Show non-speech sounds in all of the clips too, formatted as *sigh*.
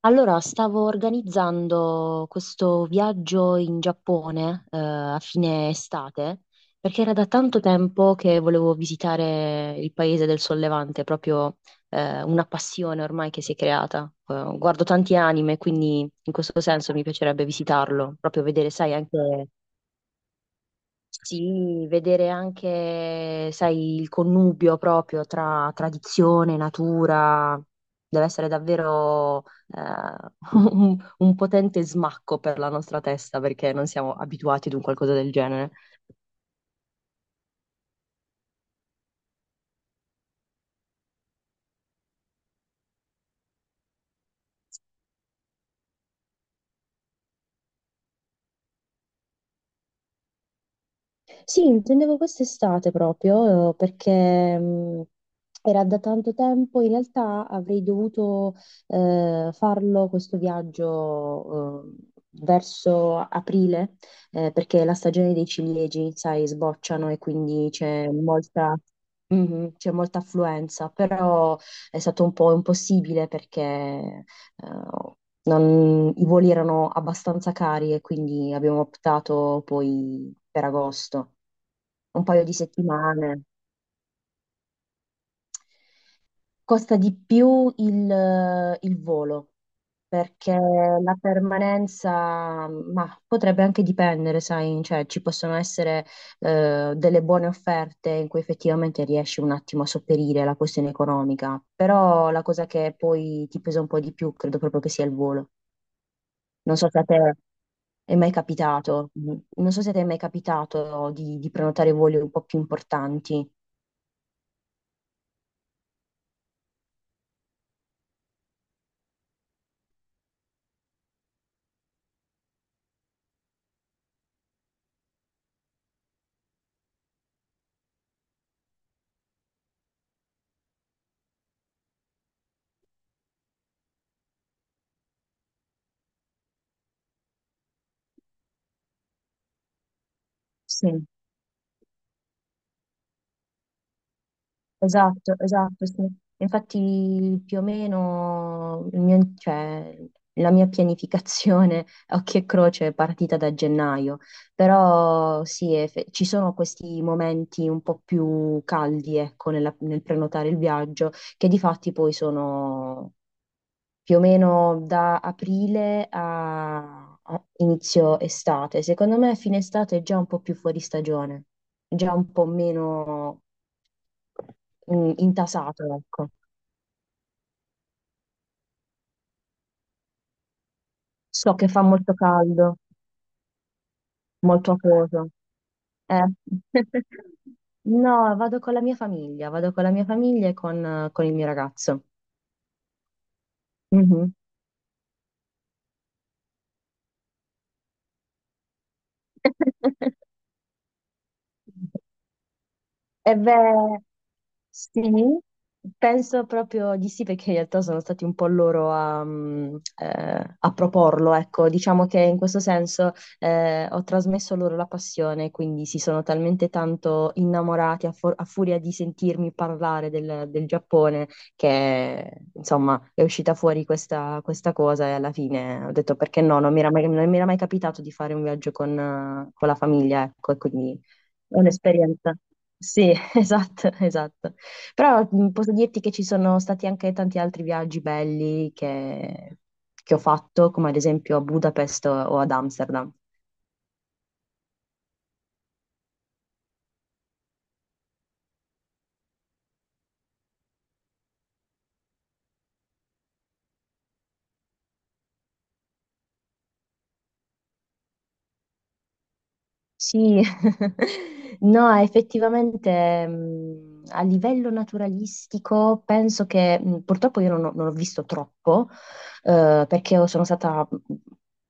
Allora, stavo organizzando questo viaggio in Giappone, a fine estate, perché era da tanto tempo che volevo visitare il paese del Sol Levante, proprio, una passione ormai che si è creata. Guardo tanti anime, quindi in questo senso mi piacerebbe visitarlo, proprio vedere, sai, anche sì, vedere anche, sai, il connubio proprio tra tradizione, natura, deve essere davvero *laughs* un potente smacco per la nostra testa perché non siamo abituati ad un qualcosa del genere. Sì, intendevo quest'estate proprio, perché era da tanto tempo, in realtà avrei dovuto farlo questo viaggio, verso aprile, perché la stagione dei ciliegi, sai, sbocciano e quindi c'è molta. Mhm, c'è molta affluenza, però è stato un po' impossibile perché i voli erano abbastanza cari e quindi abbiamo optato poi per agosto, un paio di settimane. Costa di più il volo perché la permanenza, ma potrebbe anche dipendere, sai, cioè ci possono essere delle buone offerte in cui effettivamente riesci un attimo a sopperire la questione economica, però la cosa che poi ti pesa un po' di più credo proprio che sia il volo. Non so se a te è mai capitato, Non so se a te è mai capitato di, prenotare voli un po' più importanti. Sì. Esatto, esatto, sì. Infatti più o meno, cioè, la mia pianificazione, *laughs* a occhio e croce, è partita da gennaio, però sì, ci sono questi momenti un po' più caldi, ecco, nel prenotare il viaggio, che di fatti poi sono più o meno da aprile a inizio estate. Secondo me fine estate è già un po' più fuori stagione, già un po' meno, intasato, ecco. So che fa molto caldo, molto acquoso. Eh. *laughs* No, vado con la mia famiglia, e con, il mio ragazzo. Mhm. *laughs* E beh, sì, penso proprio di sì, perché in realtà sono stati un po' loro a proporlo, ecco, diciamo che in questo senso ho trasmesso loro la passione, quindi si sono talmente tanto innamorati a furia di sentirmi parlare del Giappone, che insomma è uscita fuori questa cosa e alla fine ho detto perché no, non mi era mai capitato di fare un viaggio con la famiglia, ecco, e quindi è un'esperienza. Sì, *laughs* esatto, esatto. Però posso dirti che ci sono stati anche tanti altri viaggi belli che ho fatto, come ad esempio a Budapest o ad Amsterdam. Sì, *laughs* no, effettivamente a livello naturalistico penso che purtroppo io non ho visto troppo, perché io sono stata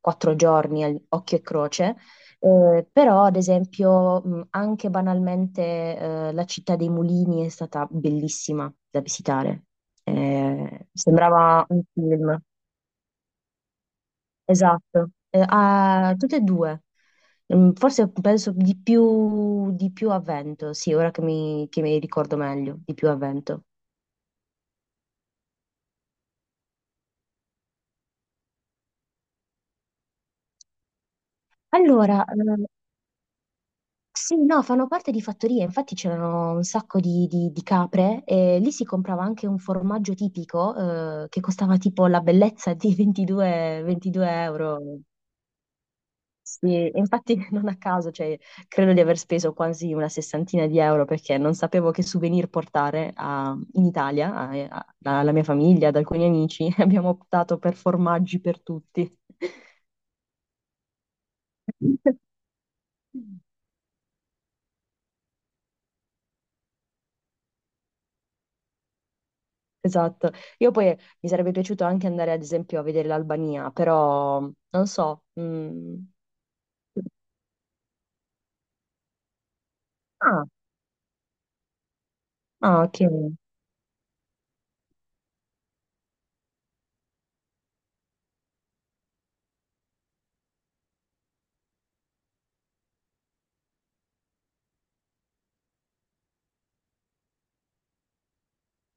4 giorni, occhio e croce, però ad esempio anche banalmente la città dei mulini è stata bellissima da visitare. Sembrava un film. Esatto, a tutte e due. Forse penso di più, a vento, sì, ora che mi ricordo meglio, di più a vento. Allora, sì, no, fanno parte di fattorie, infatti c'erano un sacco di, capre e lì si comprava anche un formaggio tipico, che costava tipo la bellezza di *laughs* 22 euro. Sì, e infatti *laughs* non a caso, cioè, credo di aver speso quasi una sessantina di euro perché non sapevo che souvenir portare, in Italia, alla mia famiglia, ad alcuni amici. *laughs* Abbiamo optato per formaggi per tutti. *laughs* Esatto. Io poi mi sarebbe piaciuto anche andare, ad esempio, a vedere l'Albania, però non so. Mm. Ah, ah, ok.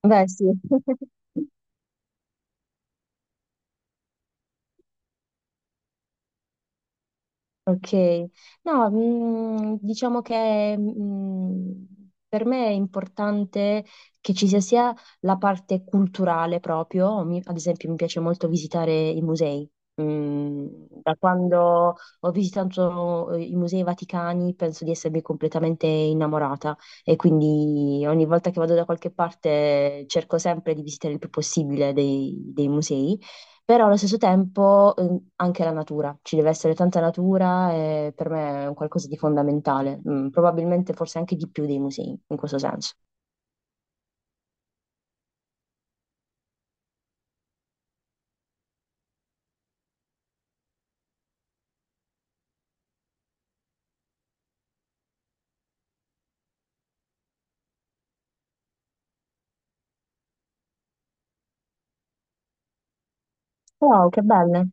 Beh, sì. *laughs* Ok, no, diciamo che per me è importante che ci sia sia la parte culturale proprio. Ad esempio mi piace molto visitare i musei. Mm, Da quando ho visitato i musei vaticani penso di essermi completamente innamorata e quindi ogni volta che vado da qualche parte cerco sempre di visitare il più possibile dei musei. Però allo stesso tempo anche la natura, ci deve essere tanta natura e per me è un qualcosa di fondamentale. Probabilmente forse anche di più dei musei, in questo senso. Wow, che belle,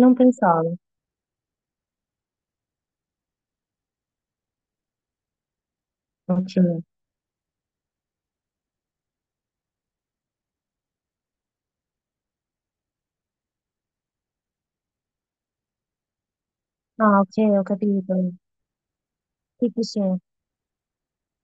non pensavo. Ok. Ah, ok, ho capito. Sì, sì, sì.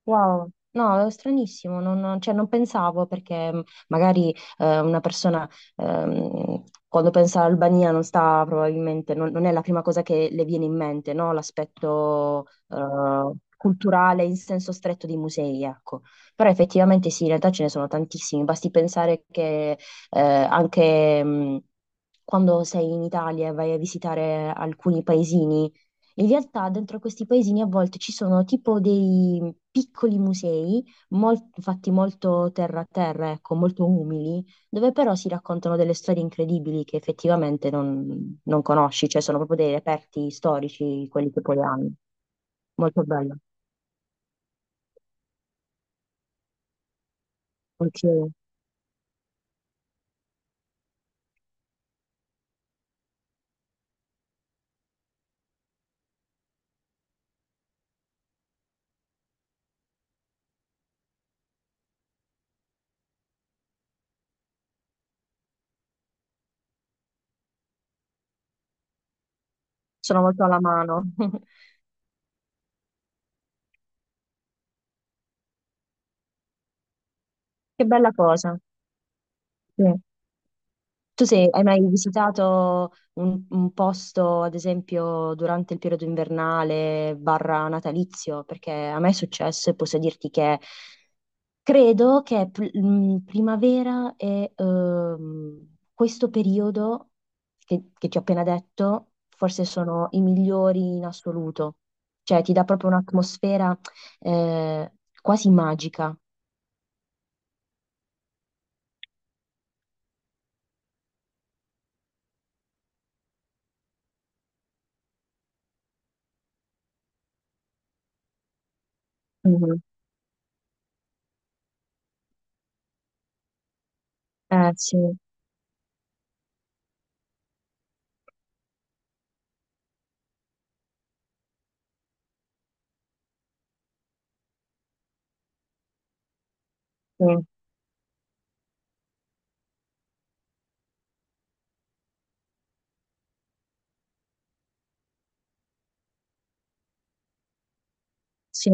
Wow, no, è stranissimo, non, cioè, non pensavo perché magari una persona quando pensa all'Albania non sta probabilmente, non è la prima cosa che le viene in mente, no? L'aspetto culturale in senso stretto dei musei, ecco. Però effettivamente sì, in realtà ce ne sono tantissimi, basti pensare che anche, quando sei in Italia e vai a visitare alcuni paesini, in realtà dentro questi paesini a volte ci sono tipo dei piccoli musei, fatti molto terra a terra, ecco, molto umili, dove però si raccontano delle storie incredibili che effettivamente non conosci, cioè sono proprio dei reperti storici, quelli che poi hanno. Molto bello. Ok. Sono molto alla mano. *laughs* Che bella cosa. Sì. Hai mai visitato un posto, ad esempio, durante il periodo invernale barra natalizio? Perché a me è successo e posso dirti che credo che primavera e questo periodo che ti ho appena detto forse sono i migliori in assoluto. Cioè, ti dà proprio un'atmosfera eh, quasi magica. Mhm. Sì, sì, sì.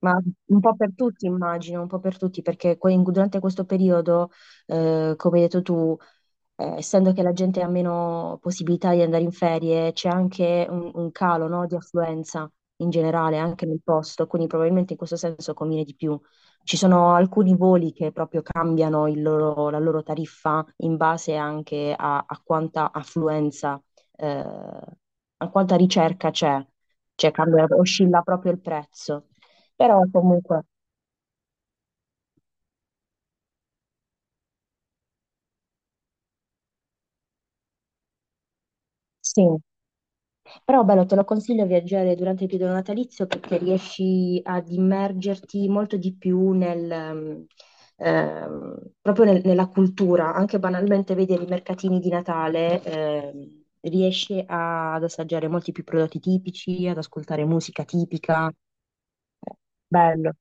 Ma un po' per tutti, immagino, un po' per tutti, perché durante questo periodo, come hai detto tu, essendo che la gente ha meno possibilità di andare in ferie, c'è anche un calo, no, di affluenza in generale anche nel posto, quindi probabilmente in questo senso conviene di più. Ci sono alcuni voli che proprio cambiano la loro tariffa in base anche a quanta affluenza, eh, a quanta ricerca c'è, cioè cambia, oscilla proprio il prezzo. Però comunque sì. Però bello, te lo consiglio viaggiare durante il periodo natalizio perché riesci ad immergerti molto di più proprio nella cultura, anche banalmente vedere i mercatini di Natale, riesci ad assaggiare molti più prodotti tipici, ad ascoltare musica tipica. Bello,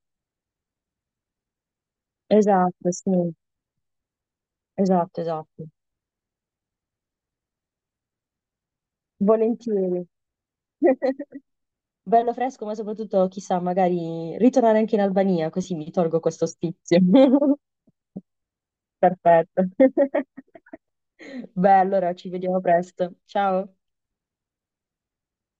esatto, sì, esatto, esatto. Volentieri. *laughs* Bello fresco, ma soprattutto, chissà, magari ritornare anche in Albania, così mi tolgo questo stizio. *laughs* Perfetto. *laughs* Beh, allora ci vediamo presto. Ciao.